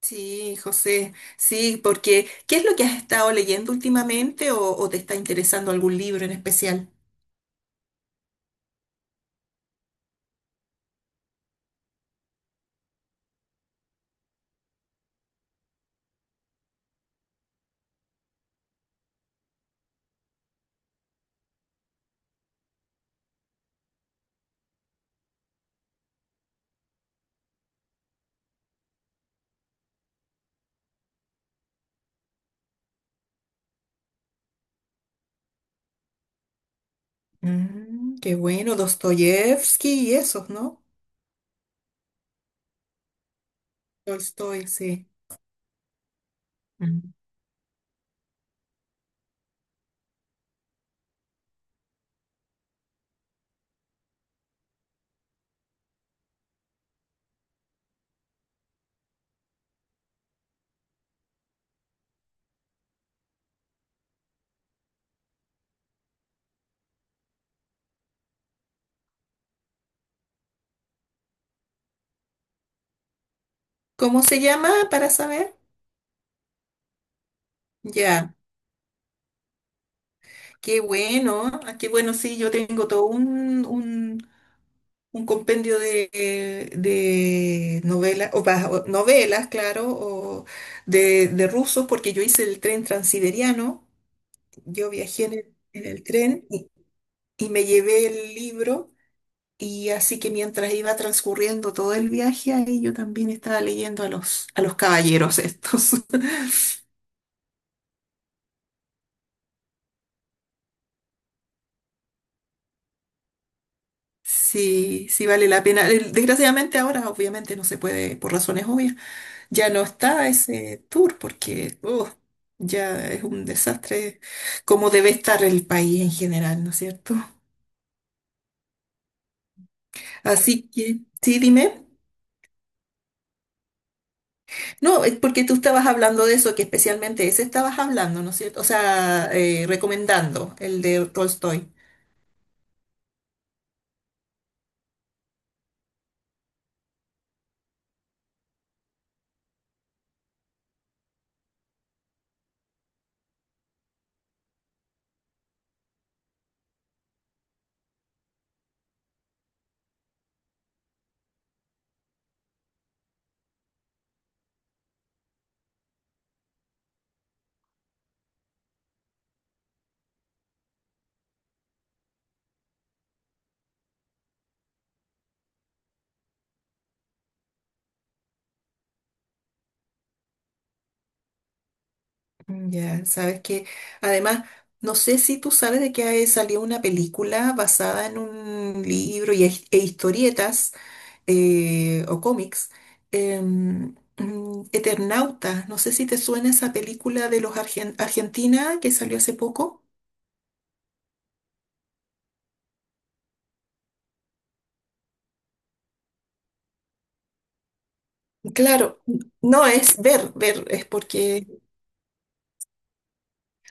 Sí, José, sí, porque ¿qué es lo que has estado leyendo últimamente o te está interesando algún libro en especial? Mm, qué bueno, Dostoyevsky y esos, ¿no? Tolstoy, sí. Mm. ¿Cómo se llama para saber? Ya, qué bueno, ah, qué bueno, sí, yo tengo todo un compendio de novelas, o, o novelas, claro, o de rusos, porque yo hice el tren transiberiano, yo viajé en el tren y me llevé el libro, y así que mientras iba transcurriendo todo el viaje, ahí yo también estaba leyendo a los caballeros estos. Sí, sí vale la pena. Desgraciadamente ahora obviamente no se puede, por razones obvias ya no está ese tour porque uf, ya es un desastre como debe estar el país en general, ¿no es cierto? Así que, sí, dime. No, es porque tú estabas hablando de eso, que especialmente ese estabas hablando, ¿no es cierto? O sea, recomendando el de Tolstoy. Ya, sabes que además, no sé si tú sabes de que salió una película basada en un libro y, e historietas o cómics. Eternauta, no sé si te suena esa película de los Argentina que salió hace poco. Claro, no es ver, es porque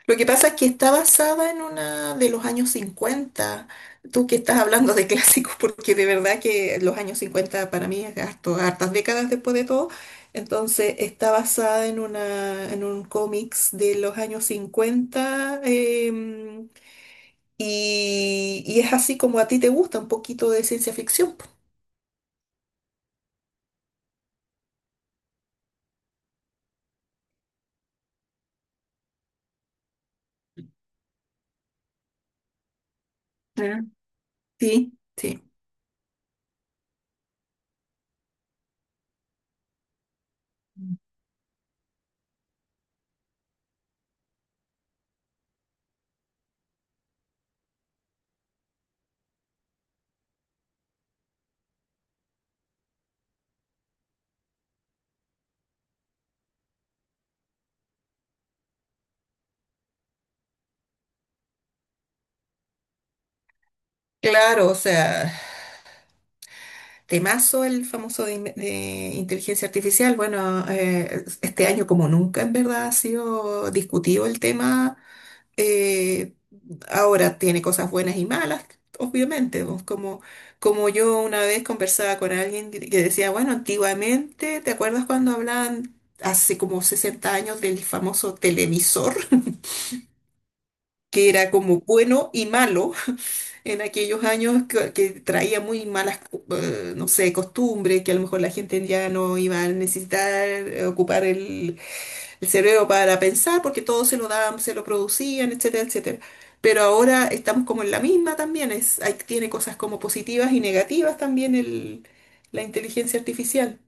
lo que pasa es que está basada en una de los años cincuenta. Tú que estás hablando de clásicos, porque de verdad que los años 50 para mí es harto, hartas décadas después de todo. Entonces está basada en una, en un cómics de los años cincuenta. Y es así como a ti te gusta un poquito de ciencia ficción. Po. Ah, sí, sí. Claro, o sea, temazo el famoso de inteligencia artificial. Bueno, este año como nunca en verdad ha sido discutido el tema. Eh, Ahora tiene cosas buenas y malas, obviamente. Pues, como, como yo una vez conversaba con alguien que decía, bueno, antiguamente, ¿te acuerdas cuando hablaban hace como 60 años del famoso televisor, que era como bueno y malo en aquellos años que traía muy malas, no sé, costumbres, que a lo mejor la gente ya no iba a necesitar ocupar el cerebro para pensar porque todo se lo daban, se lo producían, etcétera, etcétera? Pero ahora estamos como en la misma también, es, tiene cosas como positivas y negativas también el, la inteligencia artificial.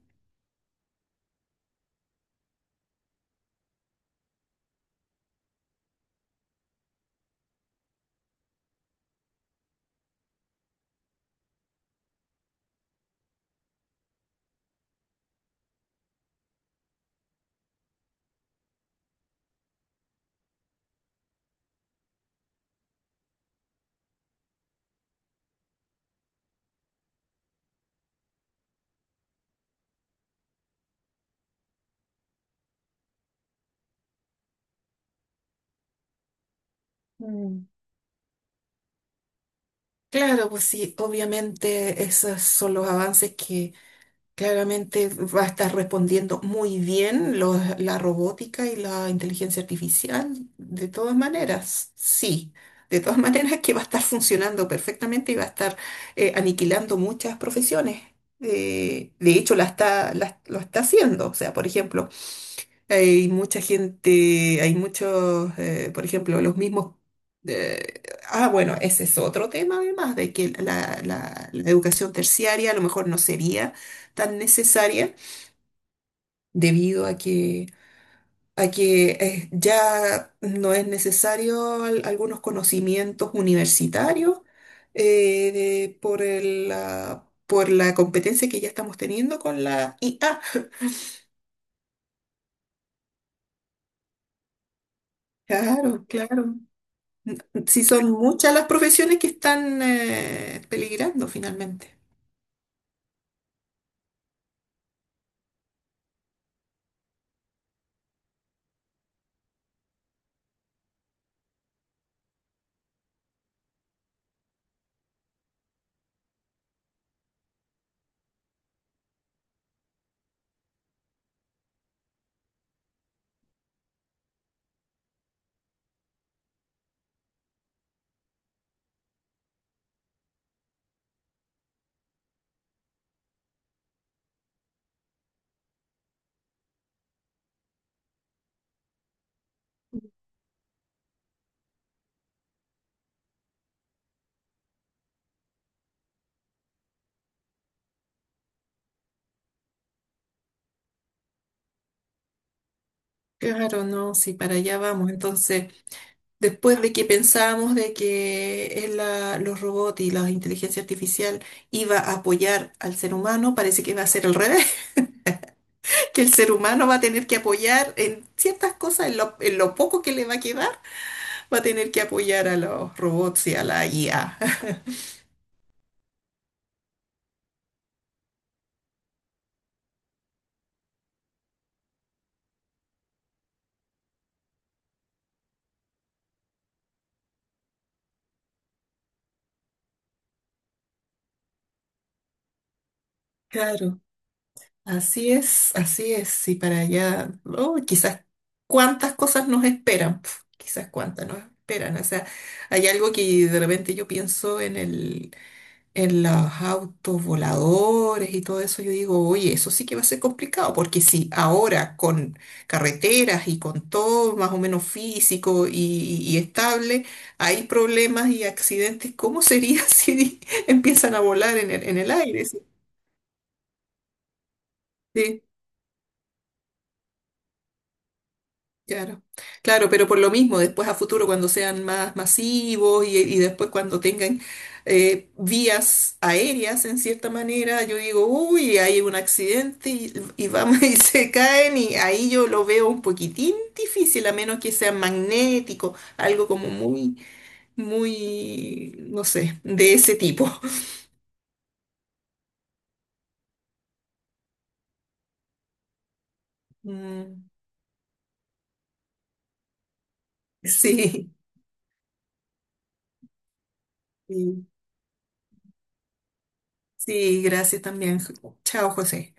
Mm. Claro, pues sí, obviamente esos son los avances. Claramente va a estar respondiendo muy bien la robótica y la inteligencia artificial, de todas maneras, sí, de todas maneras que va a estar funcionando perfectamente y va a estar aniquilando muchas profesiones. De hecho, la está, lo está haciendo. O sea, por ejemplo, hay mucha gente, hay muchos, por ejemplo, los mismos... eh, bueno, ese es otro tema además, de que la educación terciaria a lo mejor no sería tan necesaria debido a que ya no es necesario algunos conocimientos universitarios por por la competencia que ya estamos teniendo con la IA. Claro, claro. Si son muchas las profesiones que están peligrando finalmente. Claro, no, sí, para allá vamos. Entonces, después de que pensábamos de que los robots y la inteligencia artificial iba a apoyar al ser humano, parece que va a ser al revés, que el ser humano va a tener que apoyar en ciertas cosas, en lo poco que le va a quedar, va a tener que apoyar a los robots y a la IA. Claro. Así es, y para allá, oh, quizás cuántas cosas nos esperan, pf, quizás cuántas nos esperan, o sea, hay algo que de repente yo pienso en el, en los autos voladores y todo eso, yo digo, oye, eso sí que va a ser complicado, porque si ahora con carreteras y con todo más o menos físico y estable, hay problemas y accidentes, ¿cómo sería si empiezan a volar en el aire? Sí, claro, claro, pero por lo mismo, después a futuro cuando sean más masivos y después cuando tengan vías aéreas en cierta manera, yo digo, uy, hay un accidente y vamos y se caen y ahí yo lo veo un poquitín difícil, a menos que sea magnético, algo como muy, muy, no sé, de ese tipo. Mm, sí, sí, sí, gracias también. Chao, José.